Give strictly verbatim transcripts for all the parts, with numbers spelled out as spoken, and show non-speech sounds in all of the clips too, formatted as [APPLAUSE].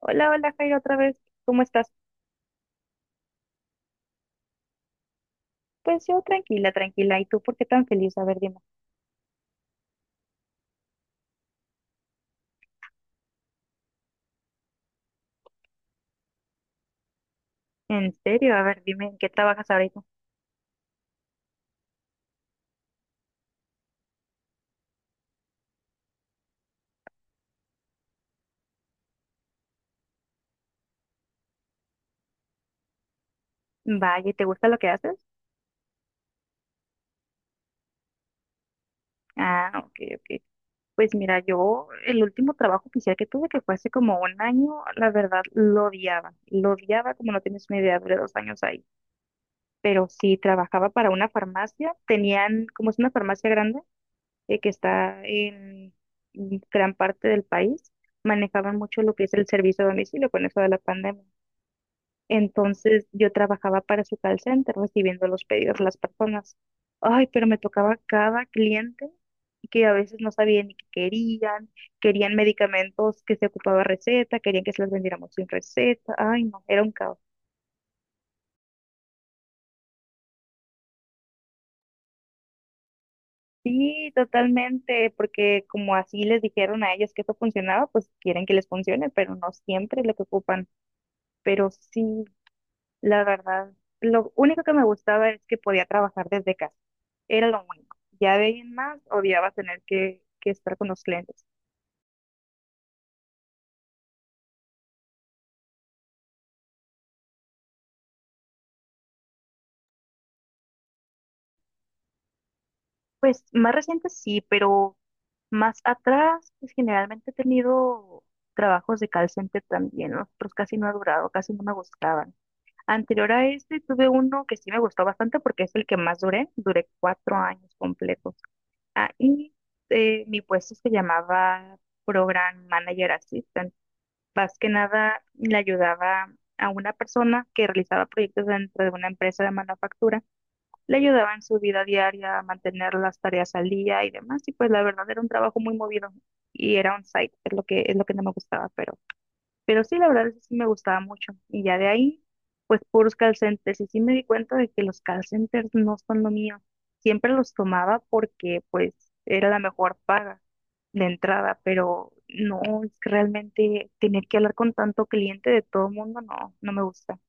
Hola, hola, Jairo, otra vez. ¿Cómo estás? Pues yo tranquila, tranquila. ¿Y tú por qué tan feliz? A ver, dime. ¿En serio? A ver, dime, ¿en qué trabajas ahorita? Vaya, ¿te gusta lo que haces? Ah, ok, ok. Pues mira, yo el último trabajo oficial que tuve, que fue hace como un año, la verdad lo odiaba. Lo odiaba como no tienes una idea, duré dos años ahí. Pero sí, trabajaba para una farmacia. Tenían, como es una farmacia grande, eh, que está en gran parte del país, manejaban mucho lo que es el servicio a domicilio con eso de la pandemia. Entonces yo trabajaba para su call center recibiendo los pedidos de las personas. Ay, pero me tocaba cada cliente que a veces no sabía ni qué querían, querían medicamentos que se ocupaba receta, querían que se los vendiéramos sin receta. Ay, no, era un caos. Sí, totalmente, porque como así les dijeron a ellos que eso funcionaba, pues quieren que les funcione, pero no siempre es lo que ocupan. Pero sí, La verdad, lo único que me gustaba es que podía trabajar desde casa. Era lo único. Ya de ahí en más, odiaba tener que, que estar con los clientes. Pues más reciente sí, pero más atrás, pues generalmente he tenido trabajos de call center también, ¿no? Pero casi no ha durado, casi no me gustaban. Anterior a este tuve uno que sí me gustó bastante porque es el que más duré. Duré cuatro años completos. Ahí eh, mi puesto se llamaba Program Manager Assistant. Más que nada le ayudaba a una persona que realizaba proyectos dentro de una empresa de manufactura, le ayudaba en su vida diaria a mantener las tareas al día y demás, y pues la verdad era un trabajo muy movido y era un site, es lo que, es lo que no me gustaba, pero, pero sí, la verdad eso sí me gustaba mucho. Y ya de ahí, pues puros call centers, y sí me di cuenta de que los call centers no son lo mío. Siempre los tomaba porque pues era la mejor paga de entrada, pero no, es que realmente tener que hablar con tanto cliente de todo el mundo, no, no me gusta.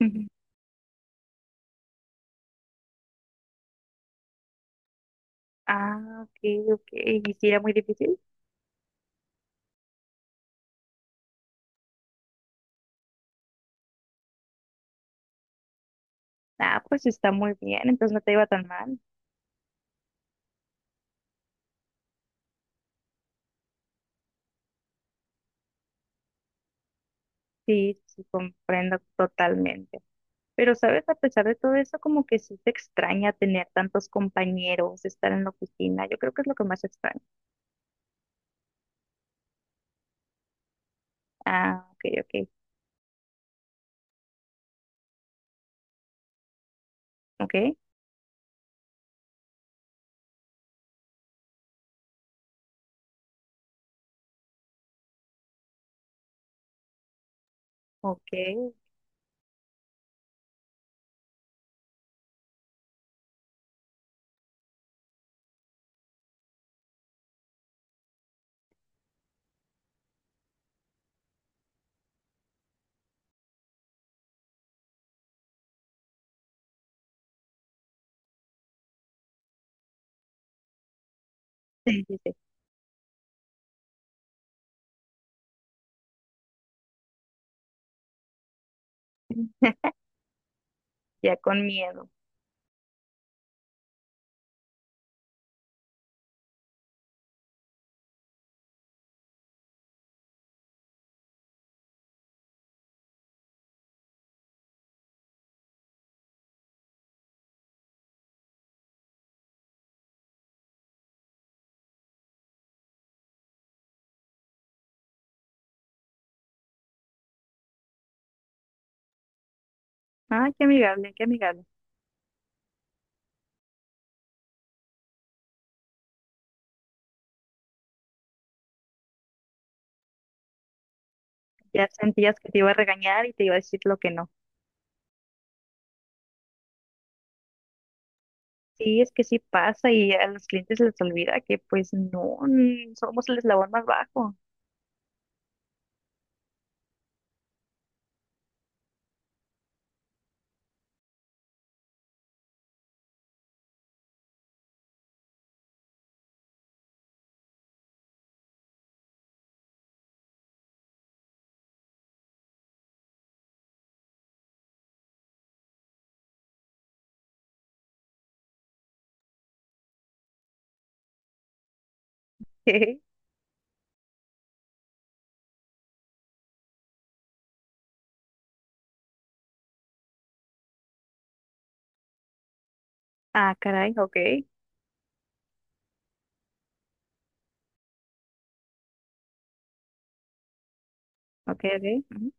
Ujú. Ah, ok, ok. ¿Y si era muy difícil? Ah, pues está muy bien, entonces no te iba tan mal. Sí, sí, comprendo totalmente. Pero, ¿sabes? A pesar de todo eso, como que sí te extraña tener tantos compañeros, estar en la oficina. Yo creo que es lo que más extraño. Ah, ok, ok, ok, ok. [LAUGHS] Sí, sí, sí. Ya con miedo. Ay, qué amigable, qué amigable. Ya sentías que te iba a regañar y te iba a decir lo que no. Sí, es que sí pasa y a los clientes les olvida que pues no, mm, somos el eslabón más bajo. [LAUGHS] Ah, caray, ok, ok, ok. Ujú.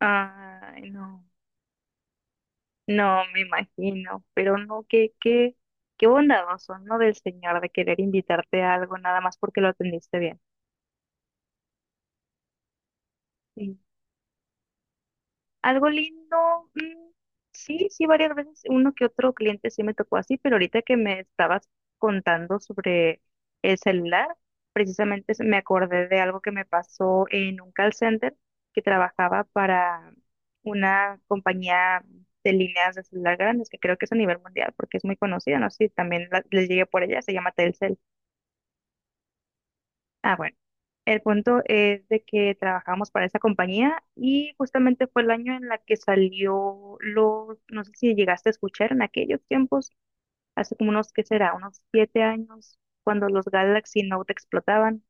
Ay, no, no me imagino, pero no, qué, qué, qué bondadoso, ¿no? Del señor de querer invitarte a algo nada más porque lo atendiste bien. Sí. Algo lindo, mm, sí, sí, varias veces uno que otro cliente sí me tocó así, pero ahorita que me estabas contando sobre el celular, precisamente se- me acordé de algo que me pasó en un call center que trabajaba para una compañía de líneas de celular grandes, que creo que es a nivel mundial porque es muy conocida, no sé si también la- les llegué por ella, se llama Telcel. Ah, bueno. El punto es de que trabajamos para esa compañía y justamente fue el año en la que salió los, no sé si llegaste a escuchar en aquellos tiempos, hace como unos, ¿qué será? Unos siete años, cuando los Galaxy Note explotaban.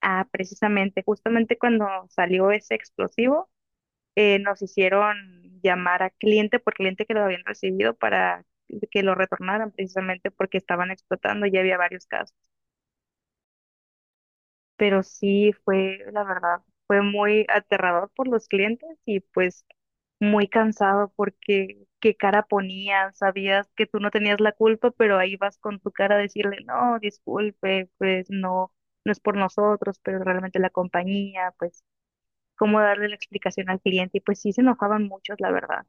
Ah, precisamente, justamente cuando salió ese explosivo, eh, nos hicieron llamar a cliente por cliente que lo habían recibido para que lo retornaran precisamente porque estaban explotando, ya había varios casos. Pero sí fue, la verdad, fue muy aterrador por los clientes y pues muy cansado porque qué cara ponían, sabías que tú no tenías la culpa, pero ahí vas con tu cara a decirle, no, disculpe, pues no, no es por nosotros, pero realmente la compañía, pues cómo darle la explicación al cliente y pues sí se enojaban muchos, la verdad.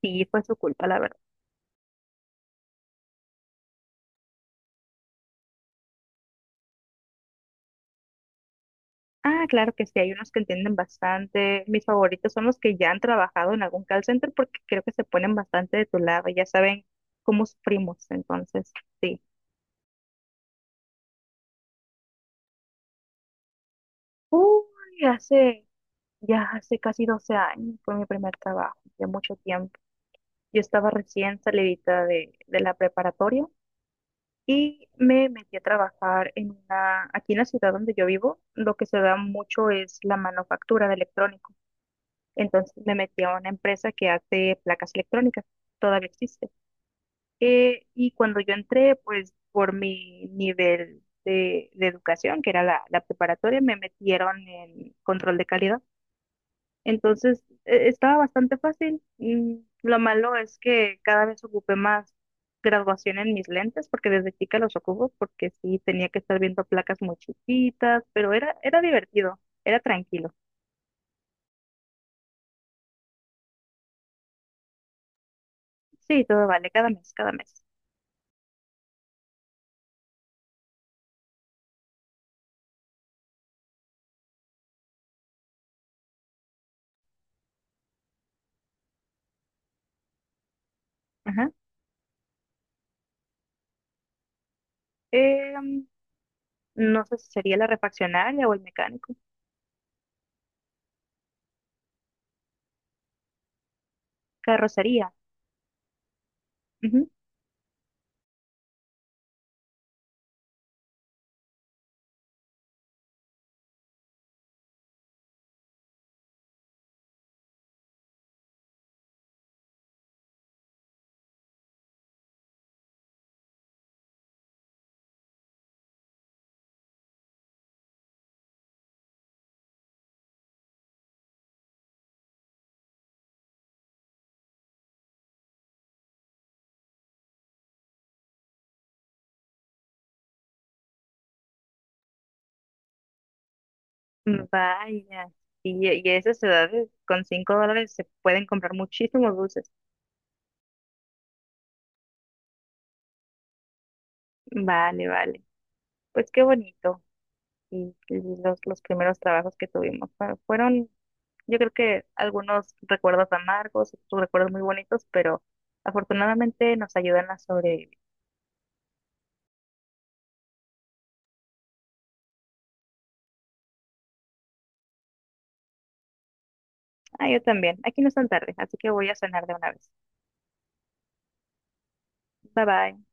Sí, fue su culpa, la verdad. Ah, claro que sí, hay unos que entienden bastante. Mis favoritos son los que ya han trabajado en algún call center porque creo que se ponen bastante de tu lado, ya saben cómo sufrimos, entonces, sí. Uy, hace, ya hace casi doce años fue mi primer trabajo, ya mucho tiempo. Yo estaba recién salidita de, de la preparatoria y me metí a trabajar en una, aquí en la ciudad donde yo vivo, lo que se da mucho es la manufactura de electrónicos. Entonces me metí a una empresa que hace placas electrónicas, todavía existe. Eh, y cuando yo entré, pues por mi nivel de, de educación, que era la, la preparatoria, me metieron en control de calidad. Entonces eh, estaba bastante fácil. Mm, Lo malo es que cada vez ocupé más graduación en mis lentes, porque desde chica los ocupo, porque sí tenía que estar viendo placas muy chiquitas, pero era, era divertido, era tranquilo. Sí, todo vale, cada mes, cada mes. Ajá. eh no sé si sería la refaccionaria o el mecánico. Carrocería. Ujú. Mm, Vaya. Y, y esas edades, con cinco dólares se pueden comprar muchísimos dulces. Vale, vale. Pues qué bonito. Y, y los, los primeros trabajos que tuvimos fue- fueron, yo creo que algunos recuerdos amargos, otros recuerdos muy bonitos, pero afortunadamente nos ayudan a sobrevivir. Ah, yo también. Aquí no es tan tarde, así que voy a cenar de una vez. Bye bye.